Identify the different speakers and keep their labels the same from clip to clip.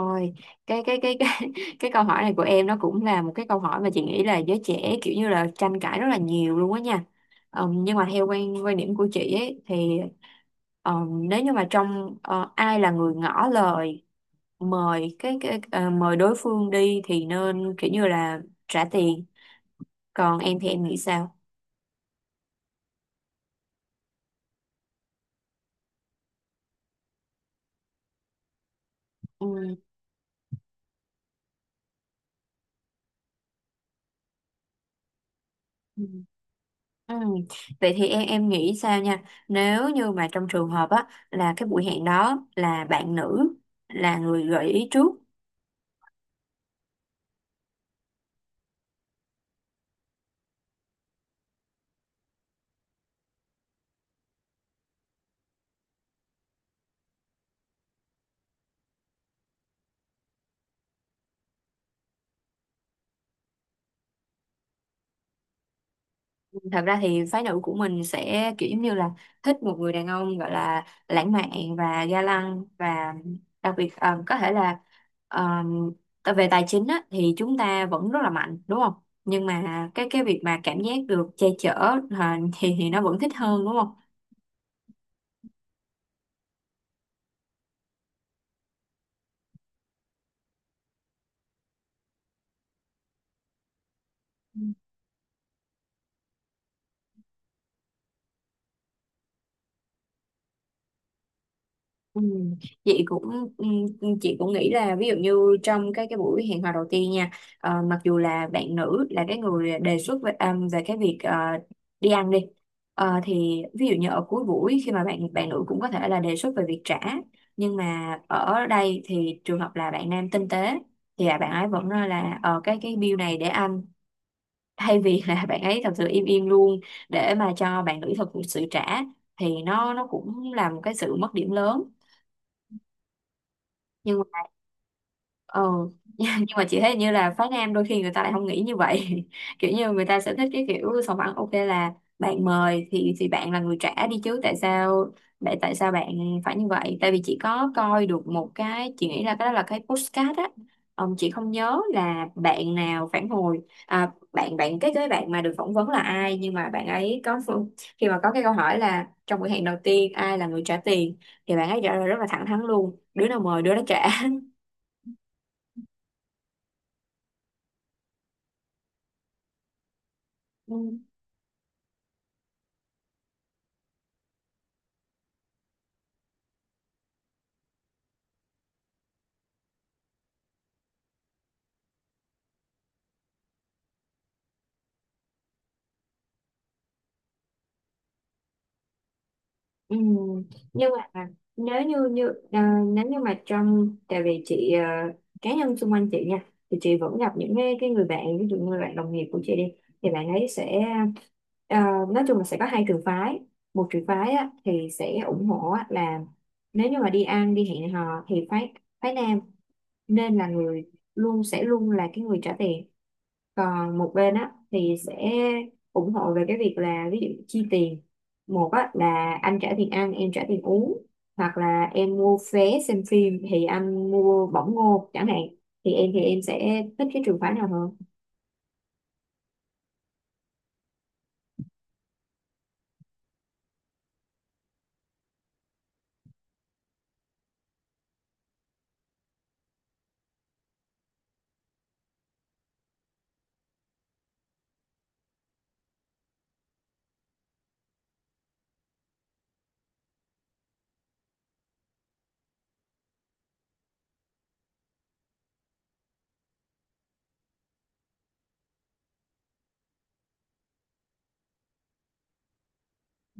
Speaker 1: Ôi, cái cái câu hỏi này của em nó cũng là một cái câu hỏi mà chị nghĩ là giới trẻ kiểu như là tranh cãi rất là nhiều luôn á nha. Nhưng mà theo quan quan điểm của chị ấy thì nếu như mà trong ai là người ngỏ lời mời mời đối phương đi thì nên kiểu như là trả tiền. Còn em thì em nghĩ sao? Ừ. Ừ. Vậy thì em nghĩ sao nha, nếu như mà trong trường hợp á là cái buổi hẹn đó là bạn nữ là người gợi ý trước. Thật ra thì phái nữ của mình sẽ kiểu giống như là thích một người đàn ông gọi là lãng mạn và ga lăng và đặc biệt có thể là ờ, về tài chính á thì chúng ta vẫn rất là mạnh, đúng không? Nhưng mà cái việc mà cảm giác được che chở, ờ, thì nó vẫn thích hơn, đúng không? Ừ. Chị cũng ừ, chị cũng nghĩ là ví dụ như trong cái buổi hẹn hò đầu tiên nha. Mặc dù là bạn nữ là cái người đề xuất về, về cái việc đi ăn đi. Thì ví dụ như ở cuối buổi, khi mà bạn bạn nữ cũng có thể là đề xuất về việc trả, nhưng mà ở đây thì trường hợp là bạn nam tinh tế thì là bạn ấy vẫn nói là cái bill này để anh, thay vì là bạn ấy thật sự im im luôn để mà cho bạn nữ thật sự trả thì nó cũng là một cái sự mất điểm lớn. Nhưng mà ờ nhưng mà chị thấy như là phái nam đôi khi người ta lại không nghĩ như vậy. Kiểu như người ta sẽ thích cái kiểu sòng phẳng, ok là bạn mời thì bạn là người trả đi chứ, tại sao tại tại sao bạn phải như vậy? Tại vì chị có coi được một cái, chị nghĩ là cái đó là cái postcard á. Chị không nhớ là bạn nào phản hồi, à, bạn bạn cái bạn mà được phỏng vấn là ai, nhưng mà bạn ấy có phương- khi mà có cái câu hỏi là trong buổi hẹn đầu tiên ai là người trả tiền, thì bạn ấy trả lời rất là thẳng thắn luôn: đứa nào mời đứa đó trả. Ừ. Ừ. Nhưng mà nếu như như nếu như mà trong, tại vì chị cá nhân xung quanh chị nha, thì chị vẫn gặp những cái người bạn, ví dụ như bạn đồng nghiệp của chị đi, thì bạn ấy sẽ nói chung là sẽ có hai trường phái. Một trường phái á thì sẽ ủng hộ á, là nếu như mà đi ăn, đi hẹn hò thì phái phái nam nên là người, luôn sẽ luôn là cái người trả tiền. Còn một bên á thì sẽ ủng hộ về cái việc là ví dụ chi tiền một á, là anh trả tiền ăn em trả tiền uống, hoặc là em mua vé xem phim thì anh mua bỏng ngô chẳng hạn. Thì em thì em sẽ thích cái trường phái nào hơn?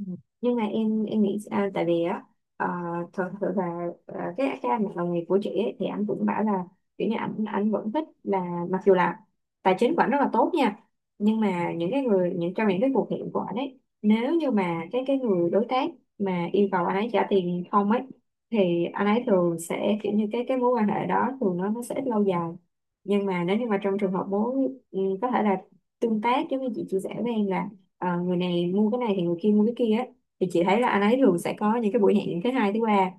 Speaker 1: Ừ. Nhưng mà em nghĩ tại vì á, à, thật sự là cái anh mà đồng nghiệp của chị ấy, thì anh cũng bảo là kiểu như ảnh ảnh vẫn thích là mặc dù là tài chính của ảnh rất là tốt nha, nhưng mà những cái người những trong những cái cuộc hẹn của ảnh ấy, nếu như mà cái người đối tác mà yêu cầu anh ấy trả tiền không ấy thì anh ấy thường sẽ kiểu như cái mối quan hệ đó thường nó sẽ ít lâu dài. Nhưng mà nếu như mà trong trường hợp mối, có thể là tương tác giống như chị chia sẻ với em là người này mua cái này thì người kia mua cái kia á, thì chị thấy là anh ấy thường sẽ có những cái buổi hẹn thứ hai, thứ ba.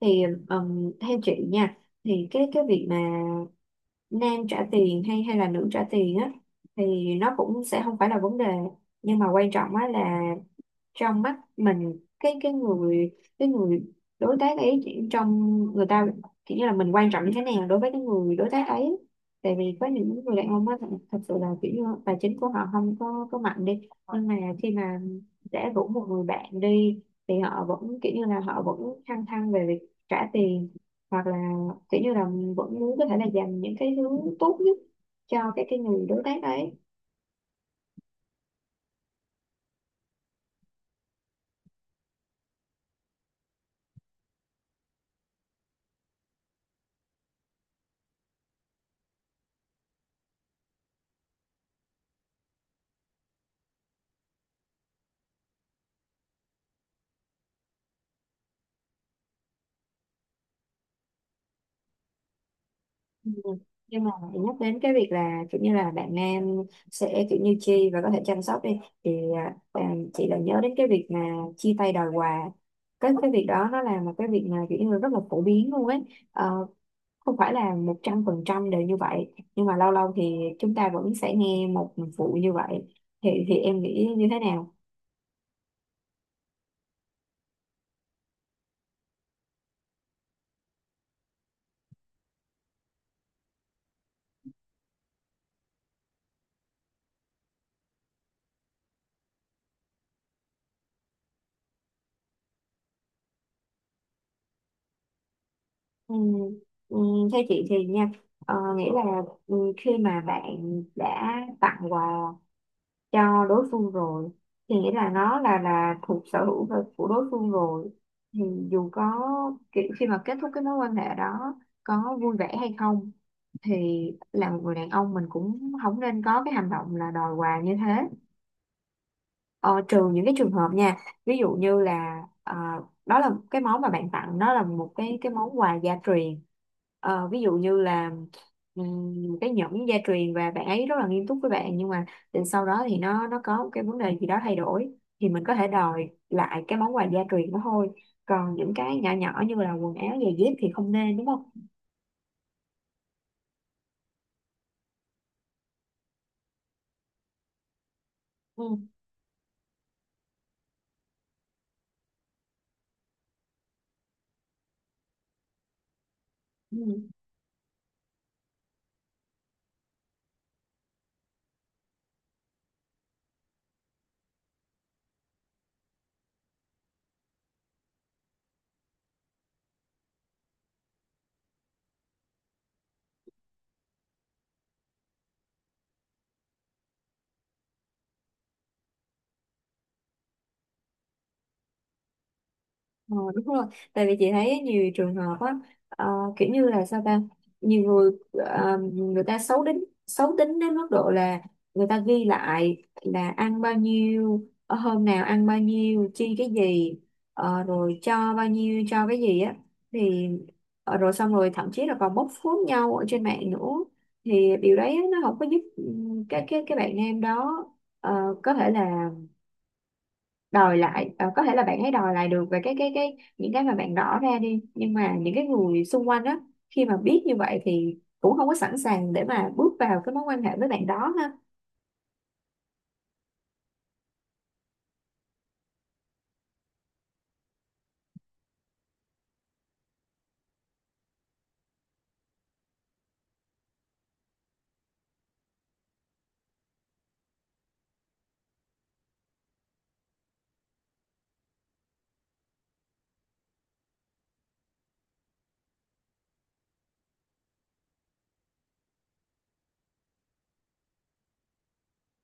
Speaker 1: Thì theo chị nha, thì cái việc mà nam trả tiền hay hay là nữ trả tiền á thì nó cũng sẽ không phải là vấn đề. Nhưng mà quan trọng á là trong mắt mình, cái người đối tác ấy, chỉ- trong người ta kiểu như là mình quan trọng như thế nào đối với cái người đối tác ấy. Tại vì có những người đàn ông á, thật sự là kiểu như tài chính của họ không có mạnh đi, nhưng mà khi mà đã rủ một người bạn đi thì họ vẫn kiểu như là họ vẫn thăng thăng về việc trả tiền, hoặc là kiểu như là vẫn muốn có thể là dành những cái thứ tốt nhất cho cái người đối tác ấy. Nhưng mà nhắc đến cái việc là kiểu như là bạn nam sẽ kiểu như chi và có thể chăm sóc đi, thì chị lại nhớ đến cái việc mà chia tay đòi quà. Cái việc đó nó là một cái việc mà kiểu như là rất là phổ biến luôn ấy. Ờ, Không phải là 100% đều như vậy, nhưng mà lâu lâu thì chúng ta vẫn sẽ nghe một vụ như vậy. Thì em nghĩ như thế nào? Ừ. Ừ. Theo chị thì nha, nghĩ là, khi mà bạn đã tặng quà cho đối phương rồi thì nghĩa là nó là thuộc sở hữu của đối phương rồi, thì dù có kiểu khi mà kết thúc cái mối quan hệ đó có vui vẻ hay không thì là một người đàn ông mình cũng không nên có cái hành động là đòi quà như thế. Ờ, Trừ những cái trường hợp nha, ví dụ như là đó là cái món mà bạn tặng nó là một cái món quà gia truyền. Ví dụ như là cái nhẫn gia truyền và bạn ấy rất là nghiêm túc với bạn, nhưng mà đến sau đó thì nó có một cái vấn đề gì đó thay đổi thì mình có thể đòi lại cái món quà gia truyền đó thôi. Còn những cái nhỏ nhỏ như là quần áo giày dép thì không nên, đúng không? Ừ. Ừ. Ờ, Đúng rồi, tại vì chị thấy nhiều trường hợp á, ờ, kiểu như là sao ta, nhiều người người ta xấu tính, xấu tính đến mức độ là người ta ghi lại là ăn bao nhiêu, hôm nào ăn bao nhiêu chi cái gì, rồi cho bao nhiêu cho cái gì á. Thì rồi xong rồi thậm chí là còn bóc phốt nhau ở trên mạng nữa, thì điều đấy nó không có giúp cái bạn nam đó ờ, có thể là đòi lại, có thể là bạn hãy đòi lại được về cái những cái mà bạn rõ ra đi, nhưng mà những cái người xung quanh đó khi mà biết như vậy thì cũng không có sẵn sàng để mà bước vào cái mối quan hệ với bạn đó ha.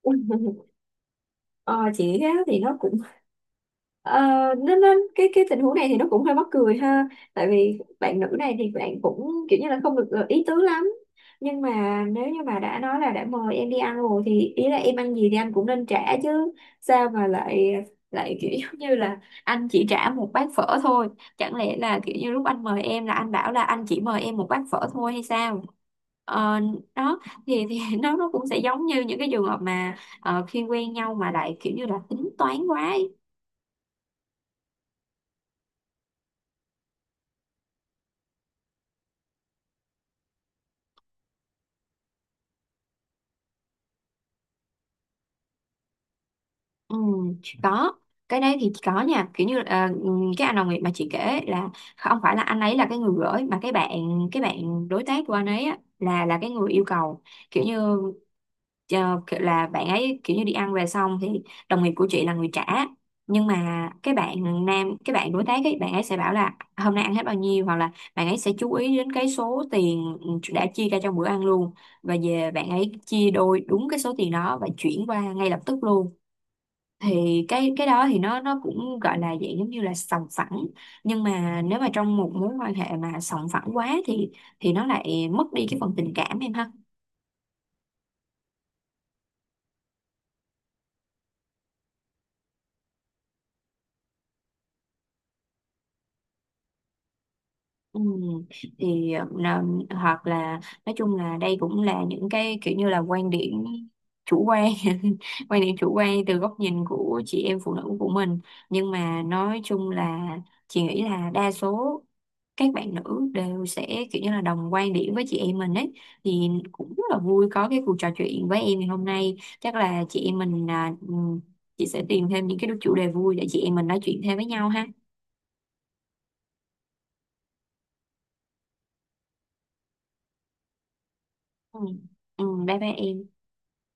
Speaker 1: Ờ, chị thế thì nó cũng... Ờ, nên cái tình huống này thì nó cũng hơi mắc cười ha. Tại vì bạn nữ này thì bạn cũng kiểu như là không được ý tứ lắm. Nhưng mà nếu như mà đã nói là đã mời em đi ăn rồi thì ý là em ăn gì thì anh cũng nên trả chứ, sao mà lại lại kiểu giống như là anh chỉ trả một bát phở thôi? Chẳng lẽ là kiểu như lúc anh mời em là anh bảo là anh chỉ mời em một bát phở thôi hay sao? Ờ, Đó, thì nó cũng sẽ giống như những cái trường hợp mà khi quen nhau mà lại kiểu như là tính toán quá ấy. Ừ, có cái đấy thì có nha, kiểu như cái anh đồng nghiệp mà chị kể là không phải là anh ấy là cái người gửi, mà cái bạn đối tác của anh ấy á, là cái người yêu cầu, kiểu như ờ, kiểu là bạn ấy kiểu như đi ăn về xong thì đồng nghiệp của chị là người trả, nhưng mà cái bạn đối tác ấy bạn ấy sẽ bảo là hôm nay ăn hết bao nhiêu, hoặc là bạn ấy sẽ chú ý đến cái số tiền đã chia ra trong bữa ăn luôn, và về bạn ấy chia đôi đúng cái số tiền đó và chuyển qua ngay lập tức luôn. Thì cái đó thì nó cũng gọi là dạng giống như là sòng phẳng. Nhưng mà nếu mà trong một mối quan hệ mà sòng phẳng quá thì nó lại mất đi cái phần tình cảm em ha. Ừ. Thì hoặc là nói chung là đây cũng là những cái kiểu như là quan điểm chủ quan, quan điểm chủ quan từ góc nhìn của chị em phụ nữ của mình. Nhưng mà nói chung là chị nghĩ là đa số các bạn nữ đều sẽ kiểu như là đồng quan điểm với chị em mình ấy. Thì cũng rất là vui có cái cuộc trò chuyện với em ngày hôm nay, chắc là chị em mình chị sẽ tìm thêm những cái chủ đề vui để chị em mình nói chuyện thêm với nhau ha. Ừ. Ừ. Bye bye em.